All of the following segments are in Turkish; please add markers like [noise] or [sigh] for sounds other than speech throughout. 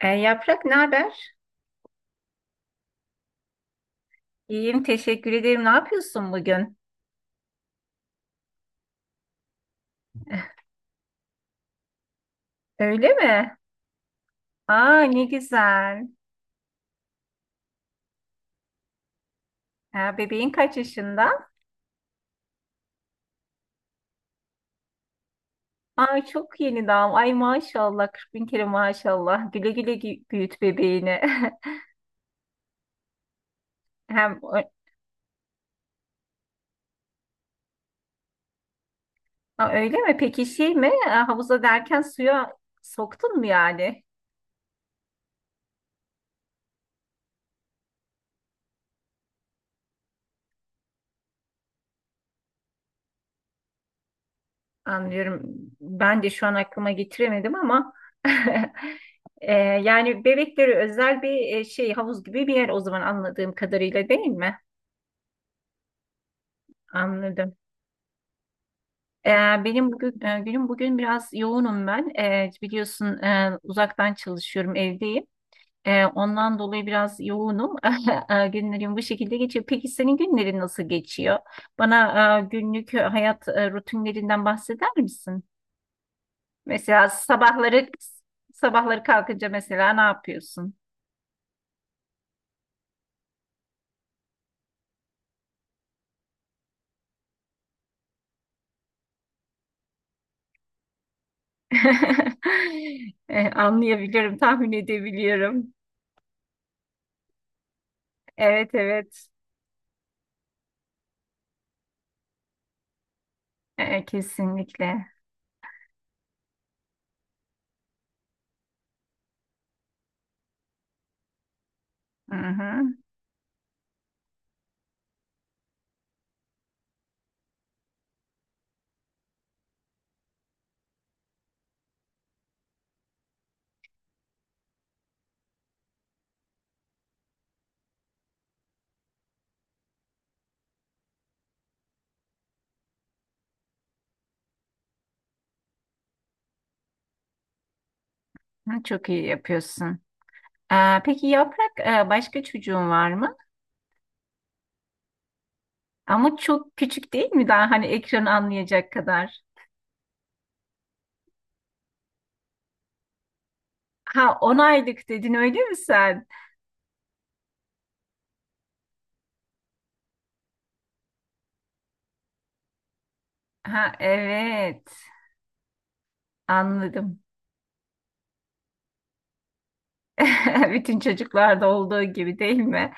Yaprak ne haber? İyiyim, teşekkür ederim. Ne yapıyorsun bugün? Öyle mi? Aa, ne güzel. Ha, bebeğin kaç yaşında? Aa, çok yeni daha. Ay maşallah, 40 bin kere maşallah. Güle güle, büyüt bebeğini. [laughs] Hem ö- Aa, öyle mi? Peki şey mi? Aa, havuza derken suya soktun mu yani? Anlıyorum. Ben de şu an aklıma getiremedim ama. [laughs] Yani bebekleri özel bir, şey, havuz gibi bir yer, o zaman anladığım kadarıyla, değil mi? Anladım. Ee, Günüm bugün biraz yoğunum ben. Biliyorsun, uzaktan çalışıyorum, evdeyim. Ondan dolayı biraz yoğunum. [laughs] Günlerim bu şekilde geçiyor. Peki senin günlerin nasıl geçiyor? Bana günlük hayat rutinlerinden bahseder misin? Mesela sabahları kalkınca mesela ne yapıyorsun? [laughs] Anlayabiliyorum, tahmin edebiliyorum. Evet, evet. Kesinlikle. Hı hı. Hı, çok iyi yapıyorsun. Peki Yaprak, başka çocuğun var mı? Ama çok küçük değil mi daha, hani ekranı anlayacak kadar? Ha, 10 aylık dedin öyle mi sen? Ha, evet, anladım. [laughs] Bütün çocuklarda olduğu gibi değil mi?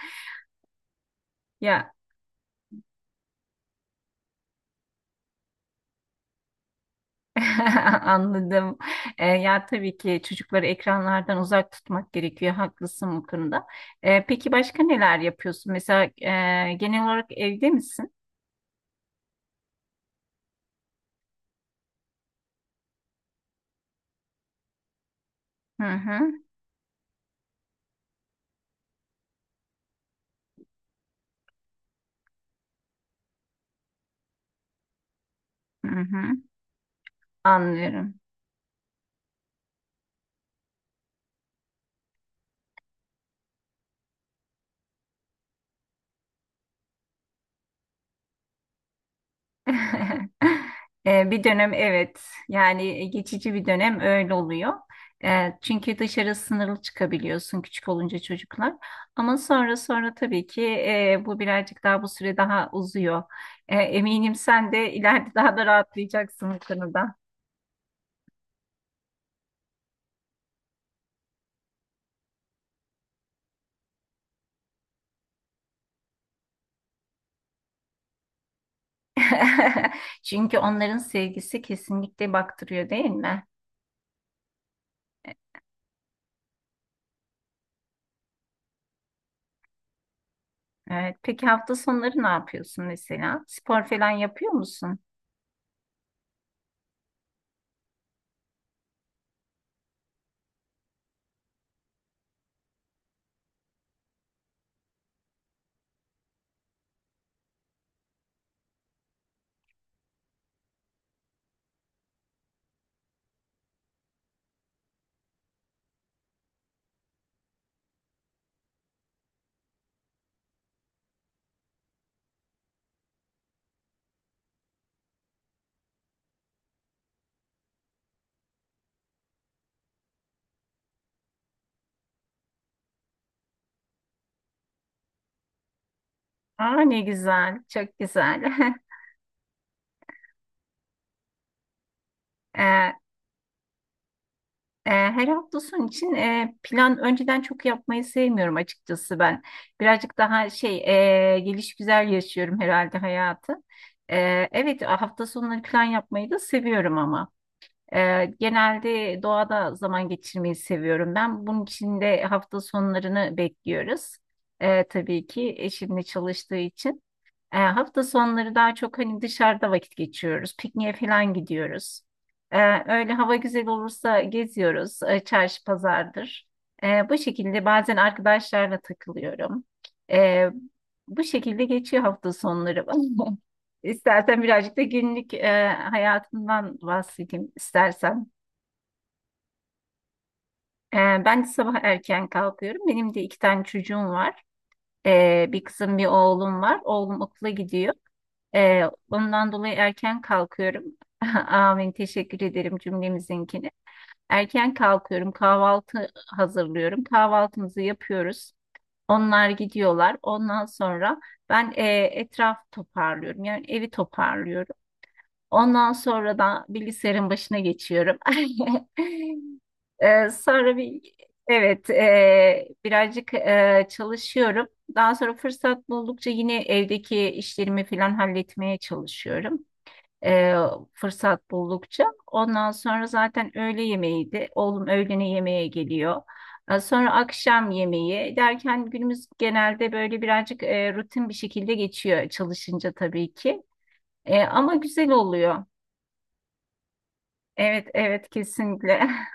Ya, [laughs] anladım. Ya, tabii ki çocukları ekranlardan uzak tutmak gerekiyor. Haklısın bu konuda. Peki başka neler yapıyorsun? Mesela, genel olarak evde misin? Hı hı, hı hı. Anlıyorum. [laughs] Bir dönem, evet, yani, geçici bir dönem öyle oluyor. Çünkü dışarı sınırlı çıkabiliyorsun küçük olunca çocuklar. Ama sonra sonra tabii ki, bu süre daha uzuyor. Eminim sen de ileride daha da rahatlayacaksın bu konuda. [laughs] Çünkü onların sevgisi kesinlikle baktırıyor, değil mi? Evet. Peki hafta sonları ne yapıyorsun mesela? Spor falan yapıyor musun? Aa, ne güzel, çok güzel. [laughs] Ee, Her hafta sonu için plan önceden çok yapmayı sevmiyorum, açıkçası ben. Birazcık daha şey, geliş güzel yaşıyorum herhalde hayatı. Evet, hafta sonları plan yapmayı da seviyorum ama. Genelde doğada zaman geçirmeyi seviyorum ben. Bunun için de hafta sonlarını bekliyoruz. Tabii ki, eşimle çalıştığı için. Hafta sonları daha çok hani dışarıda vakit geçiriyoruz. Pikniğe falan gidiyoruz. Öyle, hava güzel olursa geziyoruz. Çarşı pazardır. Bu şekilde bazen arkadaşlarla takılıyorum. Ee, Bu şekilde geçiyor hafta sonları. [laughs] İstersen birazcık da günlük hayatımdan bahsedeyim istersen. Ee, Ben de sabah erken kalkıyorum. Benim de iki tane çocuğum var. Bir kızım, bir oğlum var. Oğlum okula gidiyor. Ee, Ondan dolayı erken kalkıyorum. [laughs] Amin, teşekkür ederim cümlemizinkini. Erken kalkıyorum, kahvaltı hazırlıyorum. Kahvaltımızı yapıyoruz. Onlar gidiyorlar. Ondan sonra ben etraf toparlıyorum. Yani evi toparlıyorum. Ondan sonra da bilgisayarın başına geçiyorum. [laughs] Sonra bir, evet, birazcık çalışıyorum. Daha sonra fırsat buldukça yine evdeki işlerimi falan halletmeye çalışıyorum. Ee, Fırsat buldukça. Ondan sonra zaten öğle yemeğiydi. Oğlum öğlene yemeğe geliyor. Sonra akşam yemeği derken günümüz genelde böyle birazcık rutin bir şekilde geçiyor çalışınca tabii ki. Ama güzel oluyor. Evet, evet, kesinlikle. [laughs]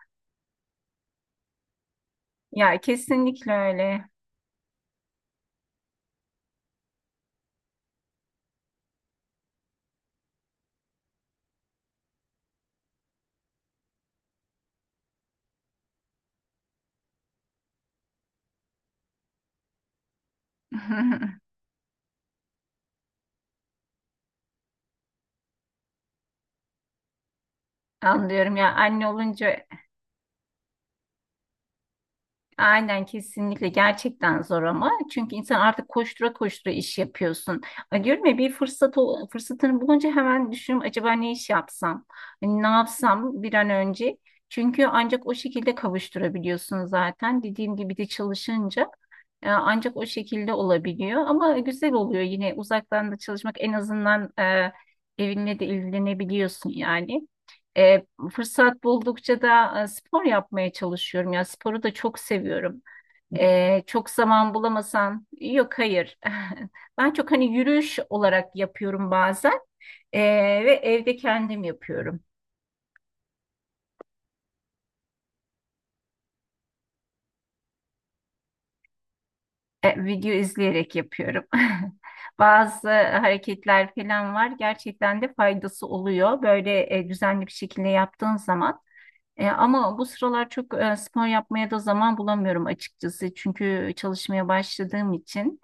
Ya, kesinlikle öyle. [laughs] Anlıyorum, ya anne olunca aynen kesinlikle gerçekten zor, ama çünkü insan artık koştura koştura iş yapıyorsun. Ay, diyorum ya, bir fırsatını bulunca hemen düşünüyorum, acaba ne iş yapsam? Hani ne yapsam bir an önce? Çünkü ancak o şekilde kavuşturabiliyorsun zaten. Dediğim gibi de çalışınca ancak o şekilde olabiliyor, ama güzel oluyor yine uzaktan da çalışmak, en azından evinle de ilgilenebiliyorsun yani. E, Fırsat buldukça da spor yapmaya çalışıyorum. Ya sporu da çok seviyorum. Çok zaman bulamasan, yok, hayır. [laughs] Ben çok hani yürüyüş olarak yapıyorum bazen, E, ve evde kendim yapıyorum. Video izleyerek yapıyorum. [laughs] Bazı hareketler falan var. Gerçekten de faydası oluyor, böyle düzenli bir şekilde yaptığın zaman. Ama bu sıralar çok spor yapmaya da zaman bulamıyorum, açıkçası. Çünkü çalışmaya başladığım için.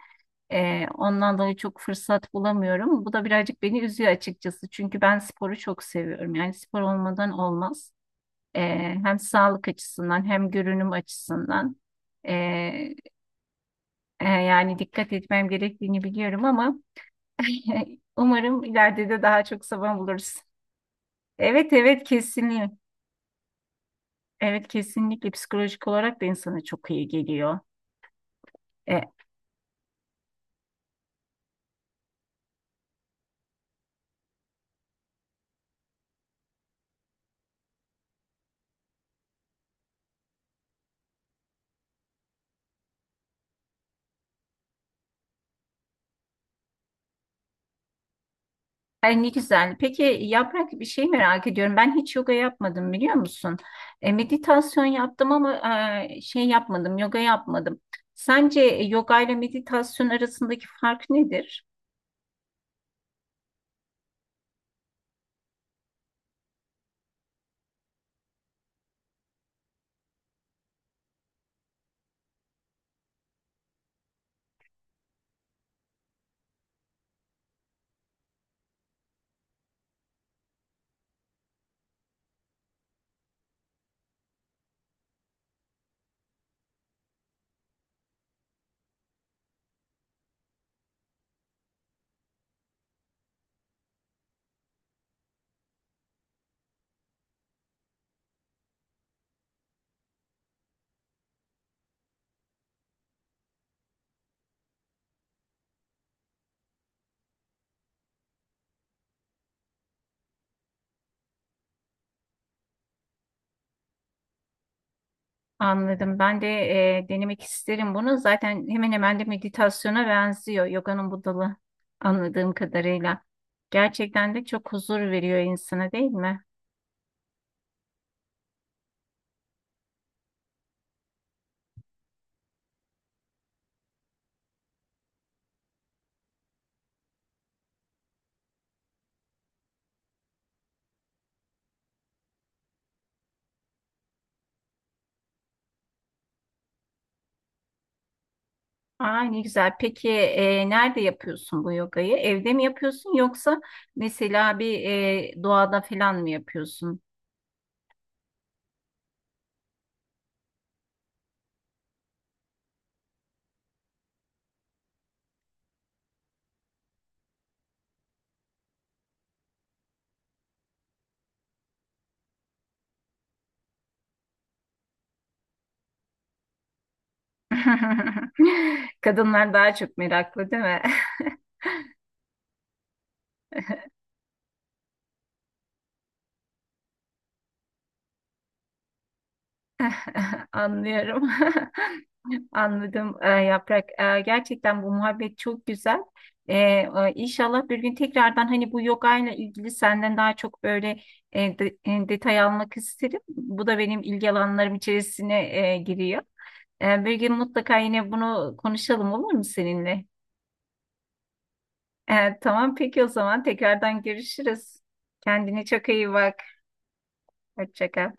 Ondan dolayı çok fırsat bulamıyorum. Bu da birazcık beni üzüyor, açıkçası. Çünkü ben sporu çok seviyorum. Yani spor olmadan olmaz. Ee, Hem sağlık açısından, hem görünüm açısından. Ee, Yani dikkat etmem gerektiğini biliyorum ama, [laughs] umarım ileride de daha çok zaman buluruz. Evet, evet, kesinlikle. Evet, kesinlikle psikolojik olarak da insana çok iyi geliyor. Ay, ne güzel. Peki Yaprak, bir şey merak ediyorum. Ben hiç yoga yapmadım, biliyor musun? Meditasyon yaptım, ama şey yapmadım, yoga yapmadım. Sence yoga ile meditasyon arasındaki fark nedir? Anladım. Ben de denemek isterim bunu. Zaten hemen hemen de meditasyona benziyor yoganın bu dalı, anladığım kadarıyla. Gerçekten de çok huzur veriyor insana, değil mi? Aa, ne güzel. Peki, nerede yapıyorsun bu yogayı? Evde mi yapıyorsun, yoksa mesela bir, doğada falan mı yapıyorsun? [laughs] Kadınlar daha çok meraklı, değil mi? [laughs] Anlıyorum. [laughs] Anladım, Yaprak. Gerçekten bu muhabbet çok güzel. İnşallah bir gün tekrardan hani bu yoga ile ilgili senden daha çok böyle detay almak isterim. Bu da benim ilgi alanlarım içerisine giriyor. Bir gün mutlaka yine bunu konuşalım, olur mu seninle? Tamam, peki, o zaman tekrardan görüşürüz. Kendine çok iyi bak. Hoşça kal.